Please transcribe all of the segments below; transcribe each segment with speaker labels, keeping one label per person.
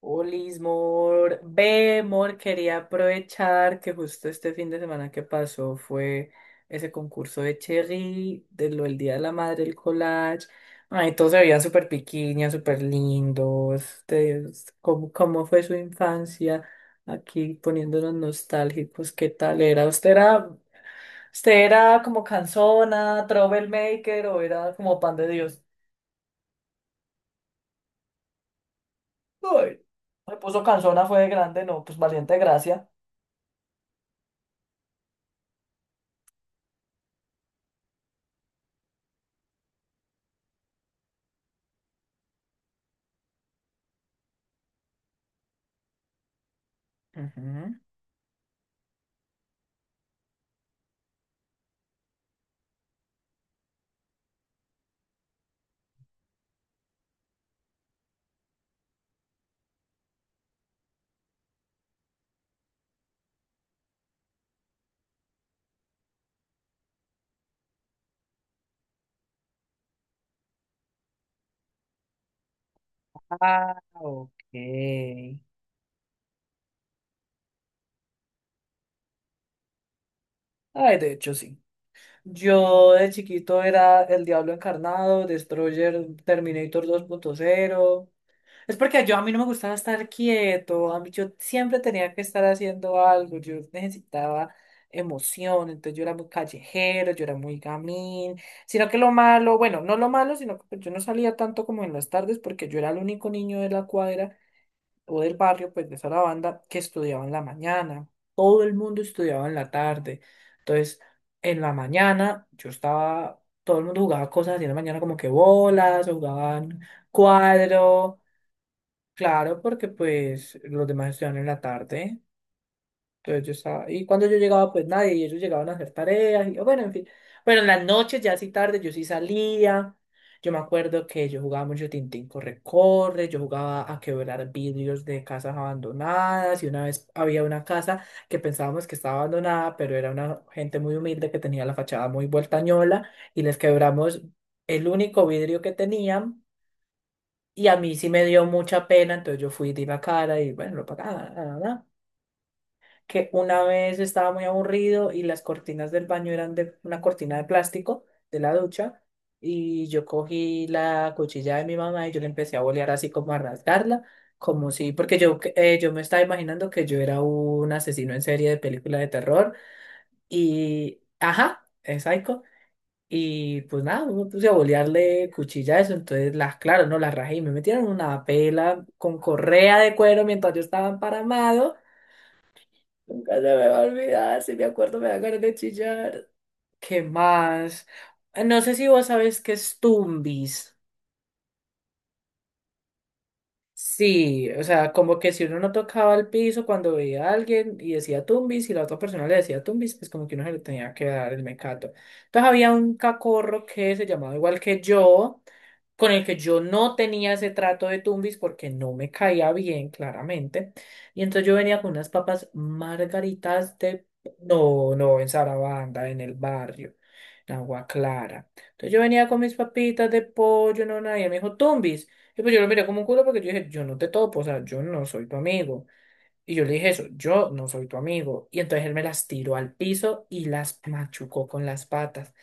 Speaker 1: Olis, mor. Ve, mor, quería aprovechar que justo este fin de semana que pasó fue ese concurso de Cherry, de lo del Día de la Madre, el collage. Ay, todos se veían súper piquiñas, súper lindos. ¿Cómo fue su infancia? Aquí poniéndonos nostálgicos, ¿qué tal era? ¿Usted era como canzona, troublemaker o era como pan de Dios? Ay, me puso canzona, fue de grande, no, pues valiente gracia. Ujú. Ah, ok. Ay, de hecho, sí. Yo de chiquito era el Diablo Encarnado, Destroyer, Terminator 2.0. Es porque yo a mí no me gustaba estar quieto, a mí yo siempre tenía que estar haciendo algo, yo necesitaba emoción. Entonces yo era muy callejero, yo era muy gamín, sino que lo malo, bueno, no lo malo, sino que pues yo no salía tanto como en las tardes porque yo era el único niño de la cuadra o del barrio, pues de Sarabanda, que estudiaba en la mañana. Todo el mundo estudiaba en la tarde. Entonces, en la mañana yo estaba, todo el mundo jugaba cosas así en la mañana como que bolas, o jugaban cuadro, claro, porque pues los demás estudiaban en la tarde. Entonces yo estaba, y cuando yo llegaba, pues nadie, y ellos llegaban a hacer tareas, y yo, bueno, en fin. Bueno, en las noches, ya así tarde, yo sí salía. Yo me acuerdo que yo jugaba mucho Tintín corre-corre, yo jugaba a quebrar vidrios de casas abandonadas, y una vez había una casa que pensábamos que estaba abandonada, pero era una gente muy humilde que tenía la fachada muy vueltañola, y les quebramos el único vidrio que tenían, y a mí sí me dio mucha pena, entonces yo fui y di la cara, y bueno, lo pagaba. Nada, nada que una vez estaba muy aburrido y las cortinas del baño eran de una cortina de plástico de la ducha y yo cogí la cuchilla de mi mamá y yo le empecé a bolear así como a rasgarla, como si, porque yo, yo me estaba imaginando que yo era un asesino en serie de película de terror y, ajá, es Psycho. Y pues nada, me puse a bolearle cuchilla a eso, entonces las, claro, no las rajé y me metieron una pela con correa de cuero mientras yo estaba emparamado. Nunca se me va a olvidar, si me acuerdo me da ganas de chillar. ¿Qué más? No sé si vos sabes qué es Tumbis. Sí, o sea, como que si uno no tocaba el piso cuando veía a alguien y decía tumbis y la otra persona le decía tumbis, pues como que uno se le tenía que dar el mecato. Entonces había un cacorro que se llamaba igual que yo, con el que yo no tenía ese trato de tumbis porque no me caía bien, claramente. Y entonces yo venía con unas papas margaritas de... No, no, en Sarabanda, en el barrio, en Agua Clara. Entonces yo venía con mis papitas de pollo, no, nadie me dijo tumbis. Y pues yo lo miré como un culo porque yo dije, yo no te topo, o sea, yo no soy tu amigo. Y yo le dije eso, yo no soy tu amigo. Y entonces él me las tiró al piso y las machucó con las patas.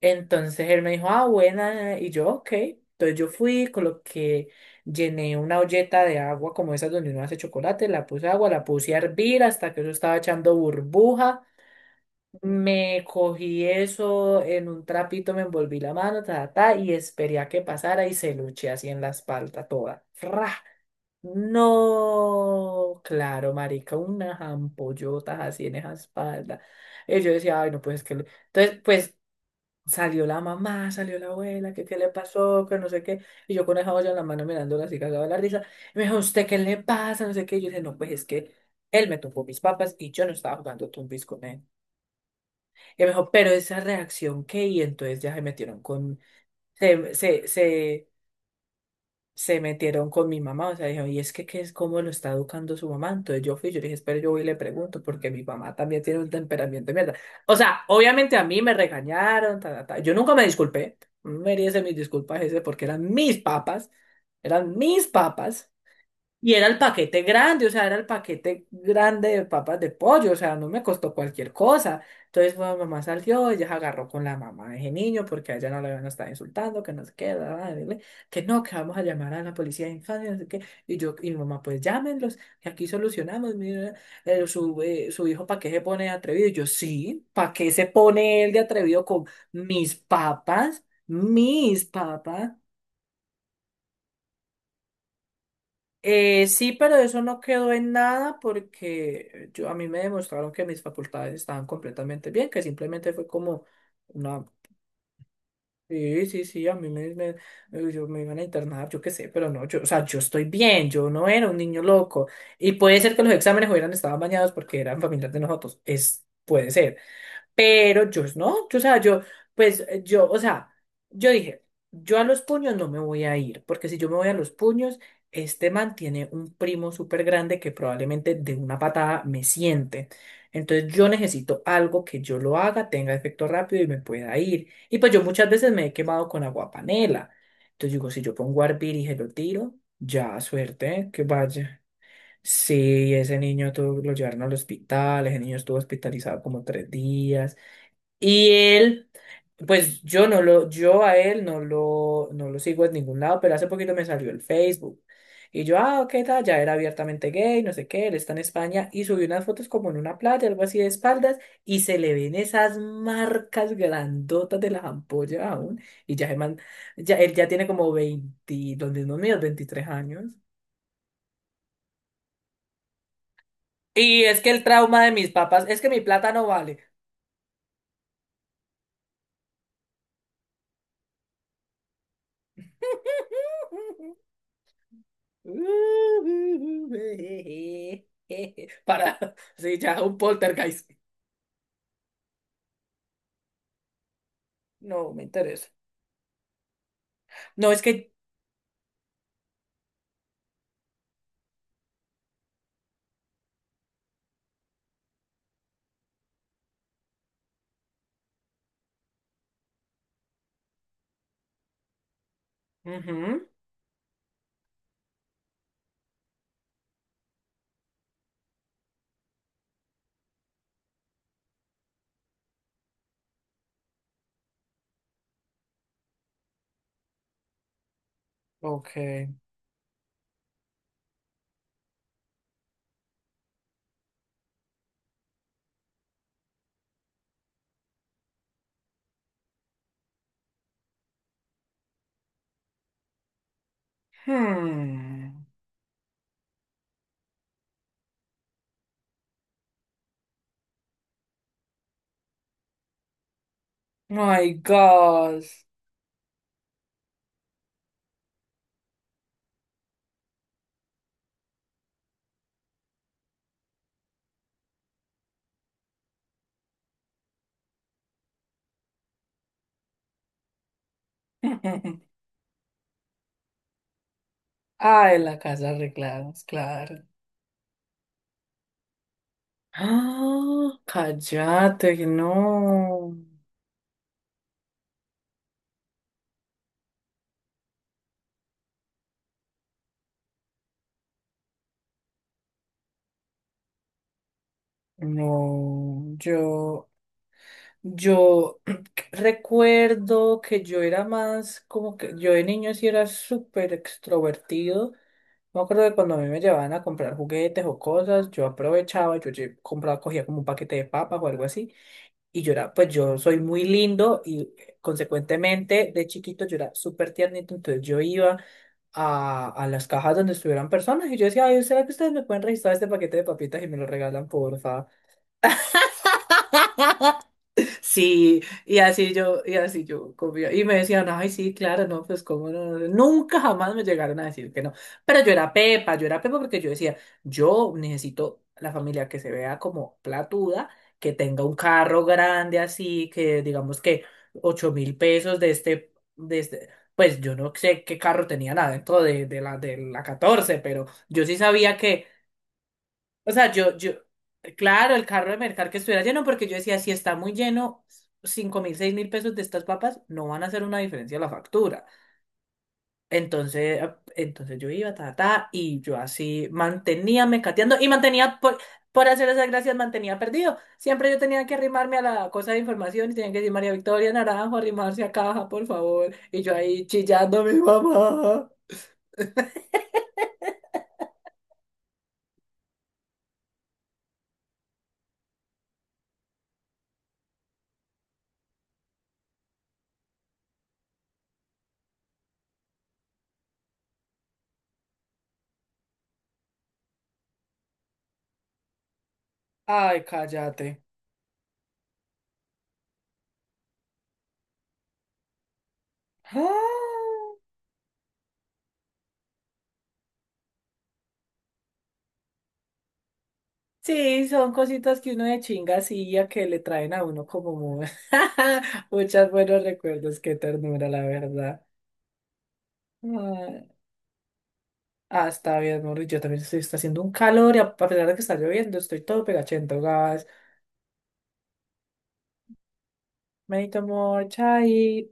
Speaker 1: Entonces él me dijo, ah, buena. Y yo, ok. Entonces yo fui, coloqué, llené una olleta de agua como esas donde uno hace chocolate, la puse agua, la puse a hervir hasta que eso estaba echando burbuja. Me cogí eso en un trapito, me envolví la mano, ta, ta, ta, y esperé a que pasara y se lo eché así en la espalda toda. ¡Fra! No, claro, marica, unas ampollotas así en esa espalda. Y yo decía, ay, no, pues es que... le-". Entonces, pues salió la mamá, salió la abuela, que qué le pasó, que no sé qué. Y yo con esa olla en la mano mirándola así, cagada de la risa. Y me dijo, ¿usted qué le pasa? No sé qué. Y yo dije, no, pues es que él me tumbó mis papas y yo no estaba jugando tumbis con él. Y me dijo, pero esa reacción, ¿qué? Y entonces ya se metieron con... Se, se, se se metieron con mi mamá, o sea, dijeron, y es que, ¿qué es cómo lo está educando su mamá? Entonces yo fui, yo le dije, espera, yo voy y le pregunto, porque mi mamá también tiene un temperamento de mierda. O sea, obviamente a mí me regañaron, ta, ta, ta. Yo nunca me disculpé, no merece mis disculpas ese, porque eran mis papas, y era el paquete grande, o sea, era el paquete grande de papas de pollo, o sea, no me costó cualquier cosa. Entonces, bueno, mamá salió, ella se agarró con la mamá de ese niño porque a ella no le van a estar insultando, que no sé qué, bla, bla, bla, bla, que no, que vamos a llamar a la policía de infancia, no sé qué. Y yo, y mi mamá, pues llámenlos, que aquí solucionamos, mira, su, su hijo, ¿para qué se pone de atrevido? Y yo, sí, ¿para qué se pone él de atrevido con mis papas? Mis papas. Sí, pero eso no quedó en nada porque yo, a mí me demostraron que mis facultades estaban completamente bien, que simplemente fue como una... Sí, sí, sí, a mí yo me iban a internar, yo qué sé, pero no, yo, o sea, yo estoy bien, yo no era un niño loco. Y puede ser que los exámenes hubieran estado bañados porque eran familiares de nosotros, es, puede ser. Pero yo no, yo, o sea, yo, pues yo, o sea, yo dije, yo a los puños no me voy a ir, porque si yo me voy a los puños, este man tiene un primo súper grande que probablemente de una patada me siente. Entonces yo necesito algo que yo lo haga, tenga efecto rápido y me pueda ir. Y pues yo muchas veces me he quemado con agua panela. Entonces digo, si yo pongo a hervir y se lo tiro, ya, suerte, ¿eh? Que vaya. Sí, ese niño tuvo, lo llevaron al hospital, ese niño estuvo hospitalizado como 3 días. Y él, pues yo no lo, yo a él no lo, no lo sigo en ningún lado, pero hace poquito me salió el Facebook. Y yo, ah, ok, tal, ya era abiertamente gay, no sé qué, él está en España y subió unas fotos como en una playa, algo así de espaldas, y se le ven esas marcas grandotas de las ampollas aún. Y ya, ya él ya tiene como 20, los mismos míos, 23 años. Y es que el trauma de mis papás es que mi plata no vale. Para, sí, ya, un poltergeist. No, me interesa. No, es que... Ujú, ok. Hmm. My God. Ay, la casa arreglada, claro. Ah, cállate, no. No, yo recuerdo que yo era más como que yo de niño sí era súper extrovertido. Me acuerdo que cuando a mí me llevaban a comprar juguetes o cosas, yo aprovechaba, compraba, cogía como un paquete de papas o algo así, y yo era, pues yo soy muy lindo y consecuentemente de chiquito yo era súper tiernito, entonces yo iba a las cajas donde estuvieran personas y yo decía, ay, ¿será que ustedes me pueden registrar este paquete de papitas y me lo regalan, porfa? Sí, y así yo comía. Y me decían, ay, sí, claro, no, pues cómo no. No, no". Nunca jamás me llegaron a decir que no. Pero yo era Pepa porque yo decía, yo necesito la familia que se vea como platuda, que tenga un carro grande así, que digamos que 8.000 pesos de este, pues yo no sé qué carro tenía nada dentro de, de la catorce, pero yo sí sabía que, o sea, yo, claro, el carro de mercar que estuviera lleno, porque yo decía, si está muy lleno, 5.000, 6.000 pesos de estas papas no van a hacer una diferencia a la factura. Entonces, ah, entonces yo iba, ta, ta, y yo así mantenía mecateando y mantenía, por hacer esas gracias, mantenía perdido. Siempre yo tenía que arrimarme a la cosa de información y tenía que decir María Victoria Naranjo, arrimarse a caja, por favor. Y yo ahí chillando a mi mamá. Ay, cállate. Sí, son cositas que uno de chinga hacía que le traen a uno como muchos buenos recuerdos, qué ternura, la verdad. Ah, ah, está bien, amor, yo también estoy, está haciendo un calor y a pesar de que está lloviendo, estoy todo pegachento, gas. Manito amor, chai.